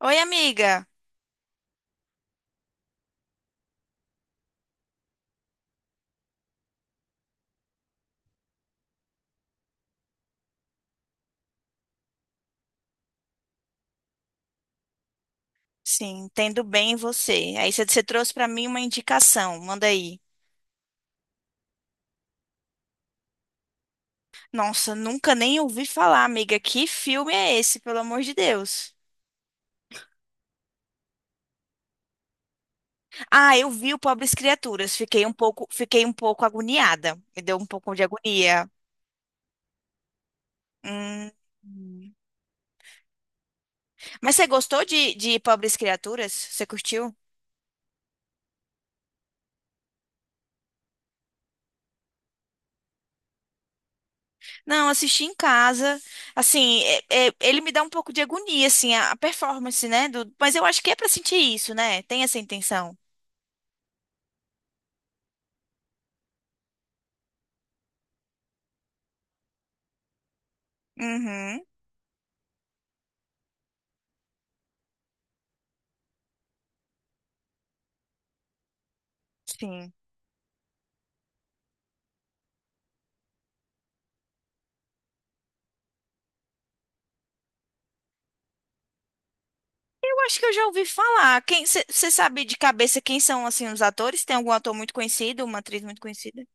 Oi, amiga. Sim, entendo bem você. Aí você trouxe pra mim uma indicação, manda aí. Nossa, nunca nem ouvi falar, amiga. Que filme é esse, pelo amor de Deus? Ah, eu vi o Pobres Criaturas. Fiquei um pouco agoniada. Me deu um pouco de agonia. Hum. Mas você gostou de Pobres Criaturas? Você curtiu? Não, assisti em casa. Assim, ele me dá um pouco de agonia, assim, a performance, né? Do- mas eu acho que é pra sentir isso, né? Tem essa intenção. Uhum. Sim. Eu acho que eu já ouvi falar. Quem você sabe de cabeça quem são assim os atores? Tem algum ator muito conhecido, uma atriz muito conhecida?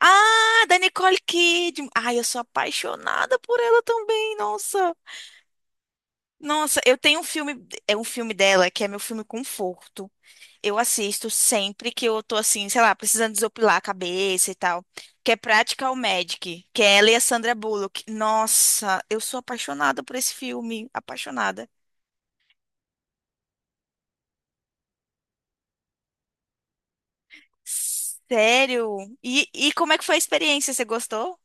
Ah, da Nicole Kidman. Ai, eu sou apaixonada por ela também. Nossa. Nossa, eu tenho um filme, é um filme dela que é meu filme conforto. Eu assisto sempre que eu tô assim, sei lá, precisando desopilar a cabeça e tal, que é Practical Magic, que é ela e a Sandra Bullock. Nossa, eu sou apaixonada por esse filme, apaixonada. Sério? E como é que foi a experiência? Você gostou?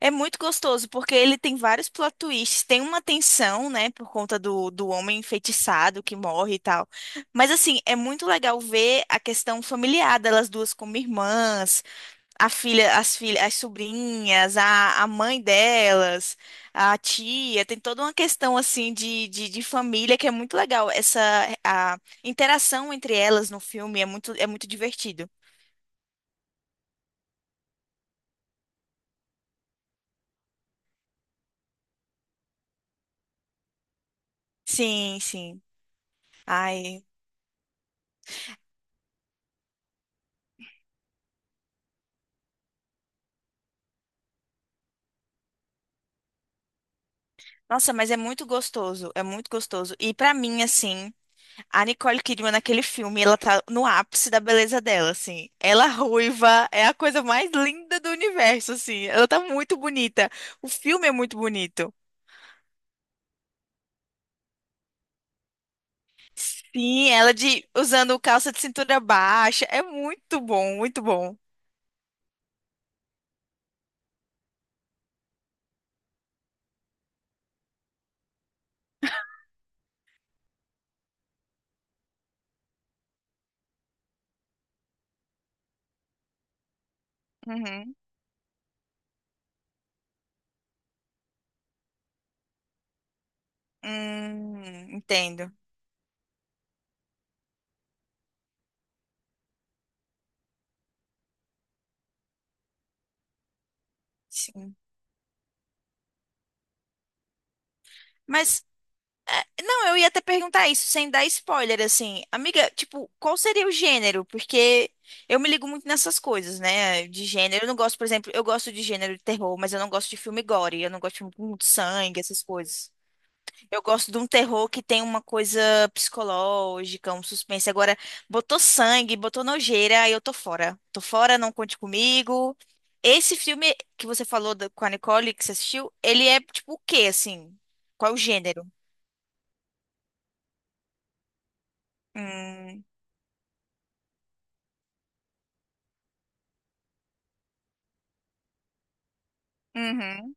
É muito gostoso, porque ele tem vários plot twists. Tem uma tensão, né, por conta do homem enfeitiçado que morre e tal. Mas, assim, é muito legal ver a questão familiar delas duas como irmãs, a filha, as filhas, as sobrinhas, a mãe delas, a tia. Tem toda uma questão, assim, de família que é muito legal. Essa, a interação entre elas no filme é é muito divertido. Sim, sim. Ai, nossa, mas é muito gostoso, é muito gostoso. E pra mim, assim, a Nicole Kidman naquele filme, ela tá no ápice da beleza dela, assim. Ela ruiva é a coisa mais linda do universo, assim. Ela tá muito bonita. O filme é muito bonito. Sim, ela de usando calça de cintura baixa, é muito bom, muito bom. Uhum. Entendo. Sim. Mas não, eu ia até perguntar isso, sem dar spoiler, assim. Amiga, tipo, qual seria o gênero? Porque eu me ligo muito nessas coisas, né? De gênero. Eu não gosto, por exemplo, eu gosto de gênero de terror, mas eu não gosto de filme gore. Eu não gosto de filme com muito sangue, essas coisas. Eu gosto de um terror que tem uma coisa psicológica, um suspense. Agora, botou sangue, botou nojeira, aí eu tô fora. Tô fora, não conte comigo. Esse filme que você falou da- com a Nicole, que você assistiu, ele é tipo o quê, assim? Qual é o gênero? Hum. Uhum.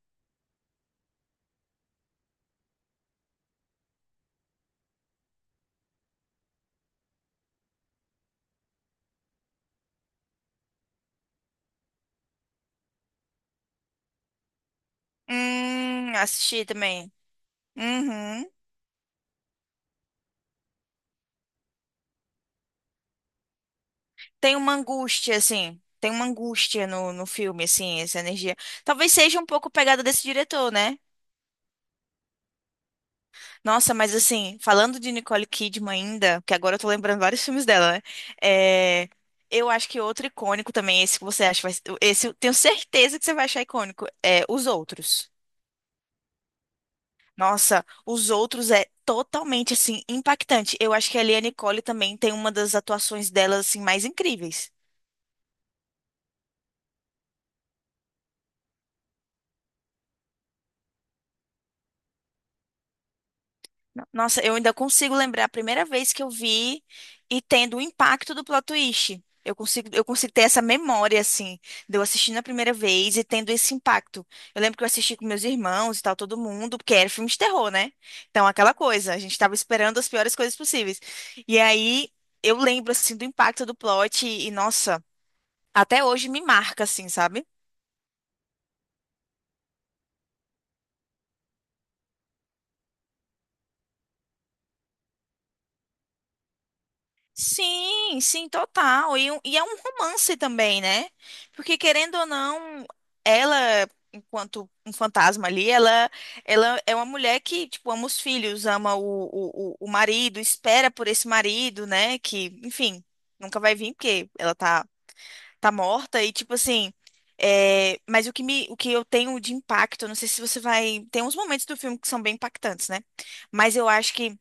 Assisti também. Uhum. Tem uma angústia, assim. Tem uma angústia no filme, assim, essa energia. Talvez seja um pouco pegada desse diretor, né? Nossa, mas assim, falando de Nicole Kidman ainda, que agora eu tô lembrando vários filmes dela, né? É, eu acho que outro icônico também, esse que você acha, esse eu tenho certeza que você vai achar icônico, é Os Outros. Nossa, Os Outros é totalmente, assim, impactante. Eu acho que ali a Nicole também tem uma das atuações dela, assim, mais incríveis. Nossa, eu ainda consigo lembrar a primeira vez que eu vi e tendo o impacto do plot twist. Eu consigo ter essa memória, assim, de eu assistindo a primeira vez e tendo esse impacto. Eu lembro que eu assisti com meus irmãos e tal, todo mundo, porque era filme de terror, né? Então, aquela coisa, a gente tava esperando as piores coisas possíveis. E aí, eu lembro, assim, do impacto do plot e, nossa, até hoje me marca, assim, sabe? Sim, sim, total. E, e é um romance também, né? Porque querendo ou não, ela, enquanto um fantasma ali, ela é uma mulher que, tipo, ama os filhos, ama o marido, espera por esse marido, né? Que, enfim, nunca vai vir porque ela tá, tá morta. E, tipo assim, é, mas o que me, o que eu tenho de impacto, não sei se você vai. Tem uns momentos do filme que são bem impactantes, né? Mas eu acho que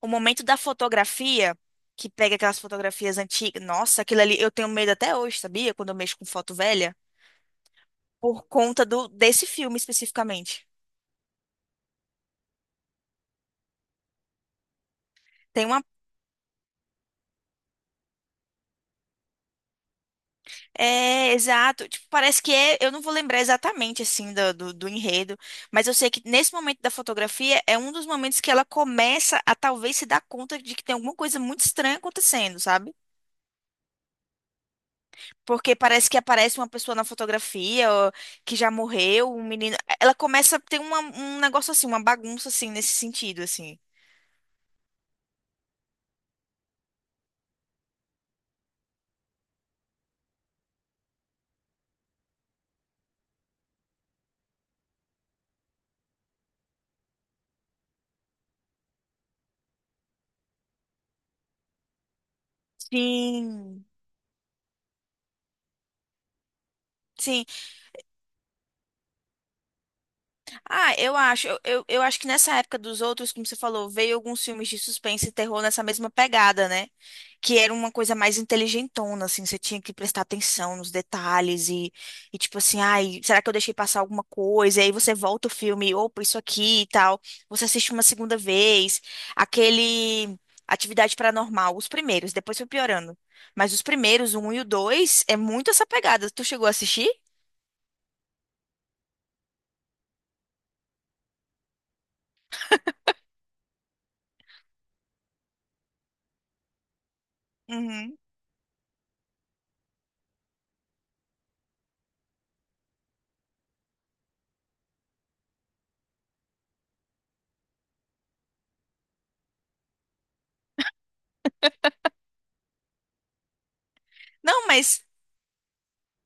o momento da fotografia, que pega aquelas fotografias antigas. Nossa, aquilo ali eu tenho medo até hoje, sabia? Quando eu mexo com foto velha, por conta do desse filme especificamente. Tem uma. É, exato. Tipo, parece que é. Eu não vou lembrar exatamente, assim, do enredo, mas eu sei que nesse momento da fotografia é um dos momentos que ela começa a talvez se dar conta de que tem alguma coisa muito estranha acontecendo, sabe? Porque parece que aparece uma pessoa na fotografia ó, que já morreu, um menino. Ela começa a ter um negócio assim, uma bagunça assim, nesse sentido, assim. Sim, sim. Ah, eu acho. Eu acho que nessa época dos outros, como você falou, veio alguns filmes de suspense e terror nessa mesma pegada, né? Que era uma coisa mais inteligentona, assim, você tinha que prestar atenção nos detalhes e tipo assim, ai, será que eu deixei passar alguma coisa? E aí você volta o filme, opa, isso aqui e tal. Você assiste uma segunda vez. Aquele Atividade Paranormal, os primeiros, depois foi piorando. Mas os primeiros, o um e o dois, é muito essa pegada. Tu chegou a assistir? Uhum. Não, mas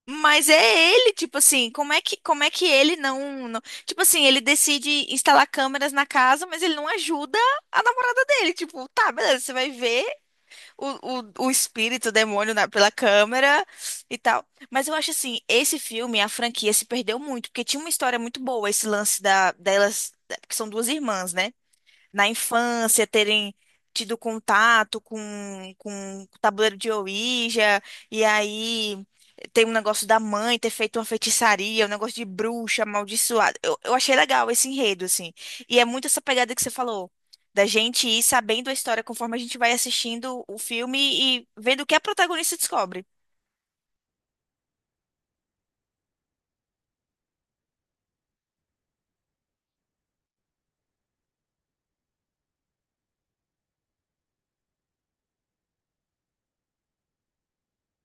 Mas é ele, tipo assim, como é que ele tipo assim, ele decide instalar câmeras na casa, mas ele não ajuda a namorada dele. Tipo, tá, beleza, você vai ver o, o espírito, o demônio na- pela câmera e tal. Mas eu acho assim, esse filme, a franquia se perdeu muito, porque tinha uma história muito boa, esse lance porque são duas irmãs, né? Na infância terem tido contato com o tabuleiro de Ouija, e aí tem um negócio da mãe ter feito uma feitiçaria, um negócio de bruxa amaldiçoada. Eu achei legal esse enredo, assim. E é muito essa pegada que você falou. Da gente ir sabendo a história conforme a gente vai assistindo o filme e vendo o que a protagonista descobre.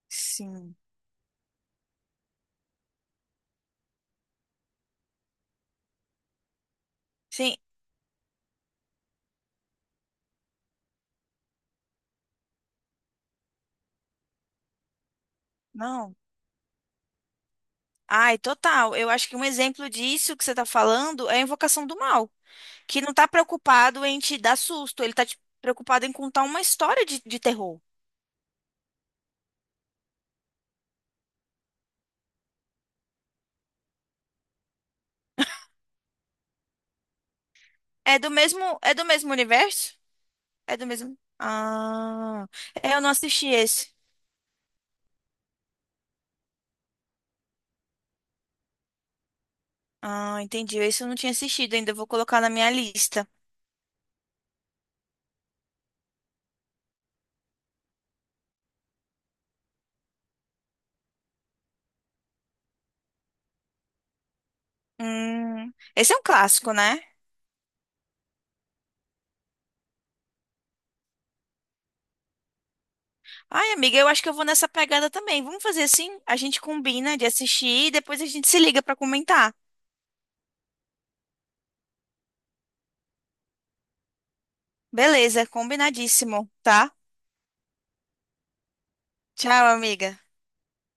Sim. Sim. Não. Ai, total. Eu acho que um exemplo disso que você está falando é a Invocação do Mal, que não tá preocupado em te dar susto, ele preocupado em contar uma história de terror. É do mesmo universo? É do mesmo. Ah, eu não assisti esse. Ah, entendi. Esse eu não tinha assistido ainda. Eu Vou colocar na minha lista. Esse é um clássico, né? Ai, amiga, eu acho que eu vou nessa pegada também. Vamos fazer assim? A gente combina de assistir e depois a gente se liga pra comentar. Beleza, combinadíssimo, tá? Tchau, amiga.